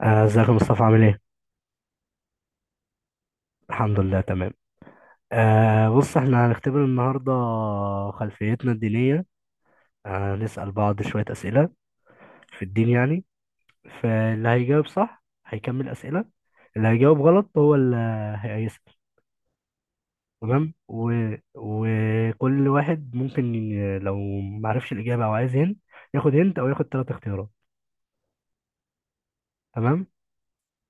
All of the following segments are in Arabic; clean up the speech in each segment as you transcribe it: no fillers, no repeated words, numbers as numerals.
آه، ازيك يا مصطفى عامل ايه؟ الحمد لله تمام. بص احنا هنختبر النهارده خلفيتنا الدينية. نسأل بعض شوية أسئلة في الدين يعني. فاللي هيجاوب صح هيكمل أسئلة، اللي هيجاوب غلط هو اللي هيسأل. تمام وكل واحد ممكن لو معرفش الإجابة أو عايز هنت، ياخد هنت أو ياخد تلات اختيارات. تمام؟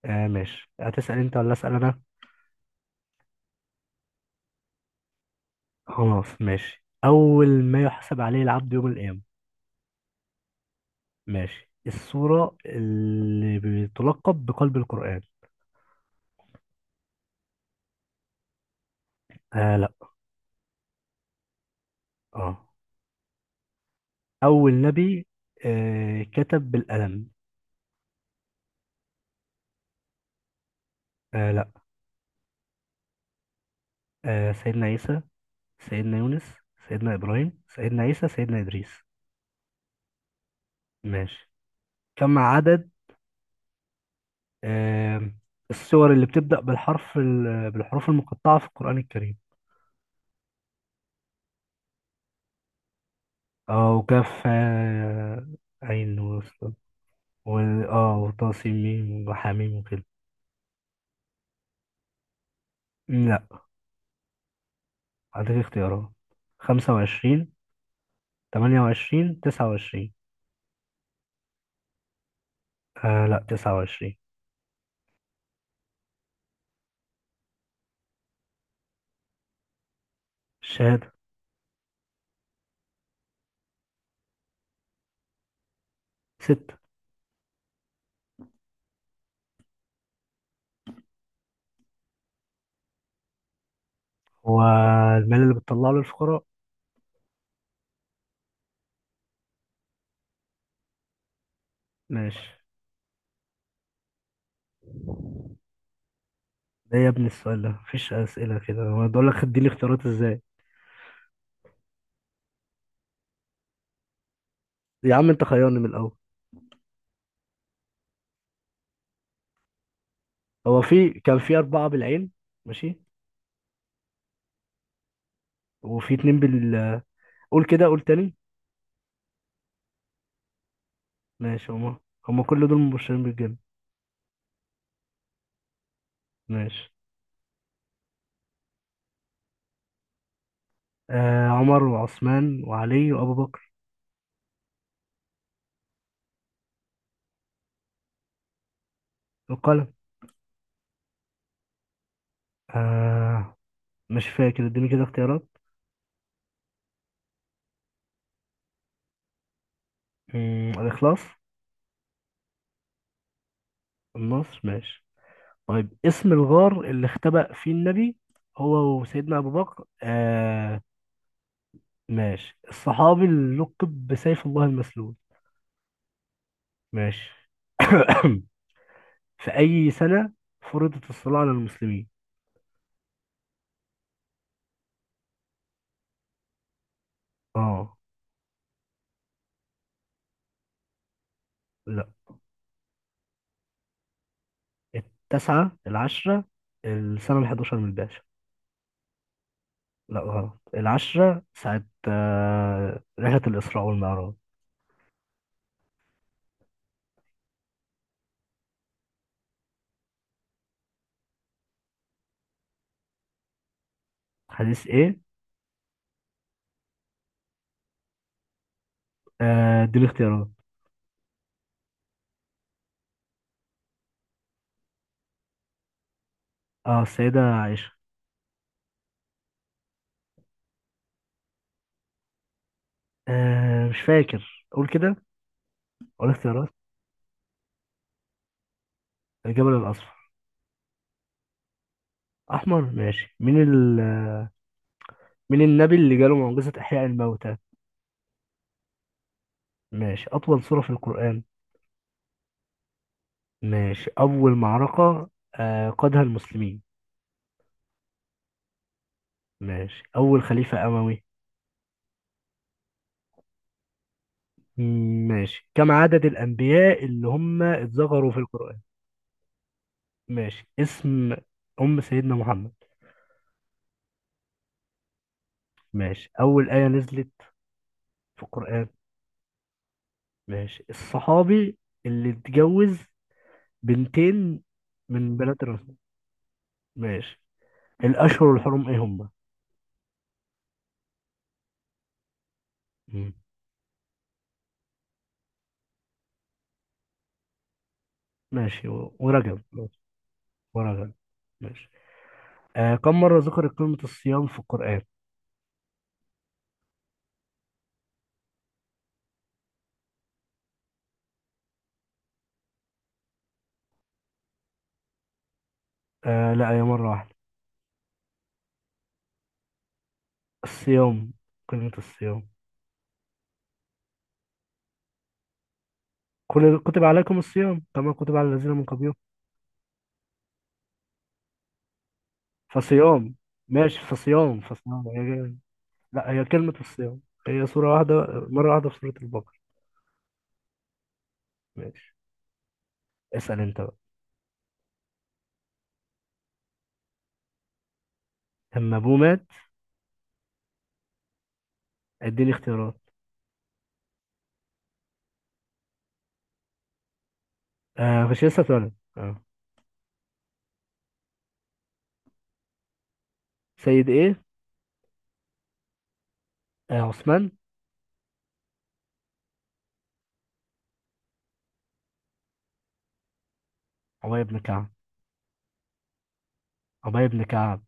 ماشي، هتسأل أنت ولا أسأل أنا؟ خلاص ماشي. أول ما يحسب عليه العبد يوم القيامة. ماشي. السورة اللي بتلقب بقلب القرآن. آه لا. اه. أول نبي كتب بالقلم. آه لا. سيدنا عيسى، سيدنا يونس، سيدنا إبراهيم، سيدنا عيسى، سيدنا إدريس. ماشي. كم عدد آه السور اللي بتبدأ بالحرف بالحروف المقطعة في القرآن الكريم؟ اه وكاف عين وسط، و وطاسيم ميم وحميم وكده. لا. هديك اختيارات: 25، 28، 29. لا، 29. الشهادة. ستة. هو المال اللي بتطلعه للفقراء. ماشي. ده يا ابني، السؤال ده مفيش أسئلة كده، أنا بقول لك اديني اختيارات ازاي؟ يا عم انت خيرني من الأول. هو كان في أربعة بالعين. ماشي. وفي اتنين بال. قول كده، قول تاني. ماشي، هما كل دول مبشرين بالجنة. ماشي. عمر وعثمان وعلي وأبو بكر. القلم. آه مش فاكر، اديني كده اختيارات. الإخلاص. النصر ماشي. طيب، اسم الغار اللي اختبأ فيه النبي هو وسيدنا أبو بكر ماشي. الصحابي اللي لقب بسيف الله المسلول. ماشي. في أي سنة فرضت الصلاة على المسلمين؟ اه. لا. التسعة العشرة، السنة الحداشر من الباشا. لا غلط، العشرة ساعة رحلة الإسراء والمعراج. حديث ايه؟ دي الاختيارات. اه السيدة عائشة. مش فاكر، قول كده، قول اختيارات. الجبل الأصفر. احمر ماشي. مين النبي اللي جاله معجزة احياء الموتى؟ ماشي. اطول سورة في القرآن. ماشي. اول معركة قادها المسلمين. ماشي. اول خليفة اموي. ماشي. كم عدد الانبياء اللي هم اتذكروا في القرآن؟ ماشي. اسم ام سيدنا محمد. ماشي. اول آية نزلت في القرآن. ماشي. الصحابي اللي اتجوز بنتين من بنات الرسول. ماشي. الاشهر الحرم ايه؟ هم. ماشي ورجب ماشي. ورجب ماشي. كم مرة ذكرت كلمة الصيام في القرآن؟ آه لا، هي مرة واحدة. الصيام كلمة الصيام. كتب عليكم الصيام كما كتب على الذين من قبلكم. فصيام. ماشي. فصيام هي. جاية- لا، هي كلمة الصيام، هي سورة واحدة، مرة واحدة في سورة البقرة. ماشي. اسأل انت بقى. لما أبوه مات، اديني اختيارات. مش لسه اتولد. سيد ايه؟ عثمان. عبيد بن كعب. عبيد بن كعب.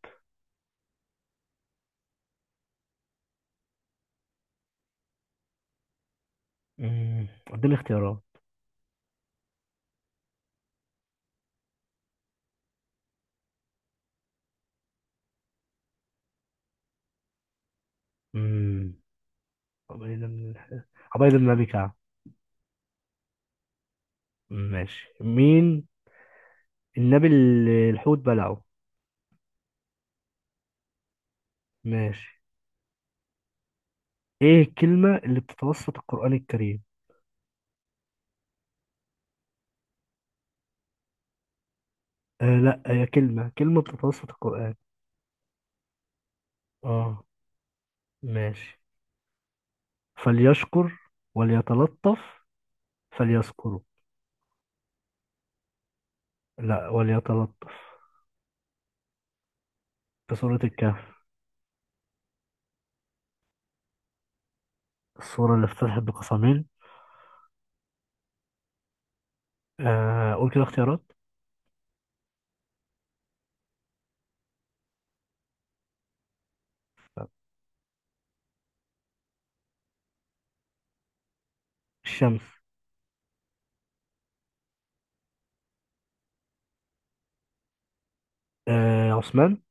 اديني اختيارات. امم قبيلة من الح... قبيلة من أبي كعب. ماشي. مين النبي اللي الحوت بلعه؟ ماشي. ايه الكلمة اللي بتتوسط القرآن الكريم؟ آه لا، هي كلمة بتتوسط القرآن. اه ماشي. فليشكر، وليتلطف، فليذكره. لا، وليتلطف. في سورة الكهف. السورة اللي افتتحت بقسمين. قول كده اختيارات. الشمس. عثمان.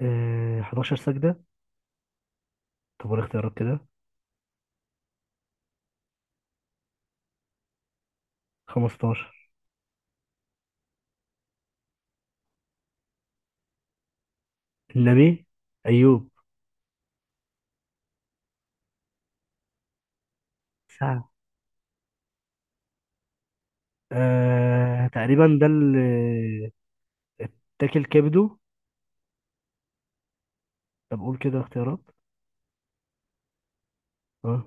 11 سجدة. طب والاختيارات كده؟ 15. النبي أيوب. سعد تقريبا ده اللي اتاكل كبده. طب قول كده اختيارات. اه,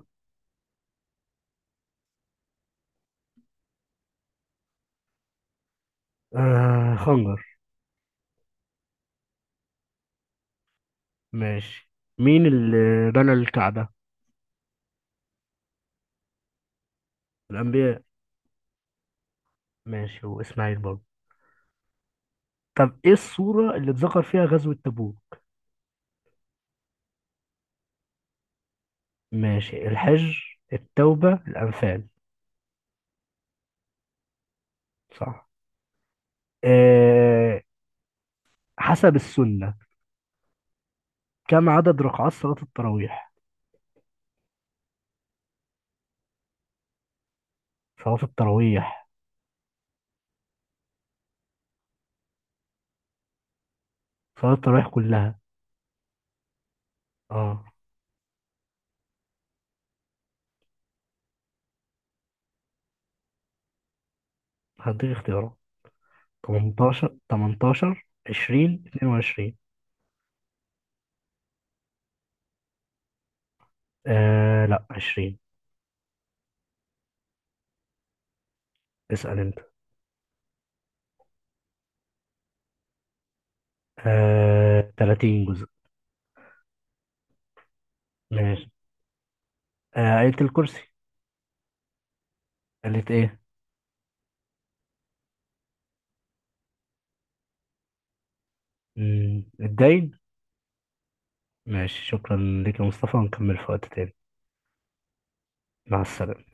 خنجر. ماشي. مين اللي بنى الكعبة؟ الأنبياء. ماشي وإسماعيل برضه. طب إيه السورة اللي اتذكر فيها غزوة تبوك؟ ماشي. الحج، التوبة، الأنفال. صح. آه حسب السنة. كم عدد ركعات صلاة التراويح؟ صلاة التراويح. صلاة التراويح كلها. اه. هديك اختيارات: 18، 18، 20، 22. لا، 20. اسأل انت. 30 جزء. ماشي. آية الكرسي. قالت ايه؟ الدين. ماشي. شكرا لك يا مصطفى، ونكمل في وقت تاني. مع السلامة.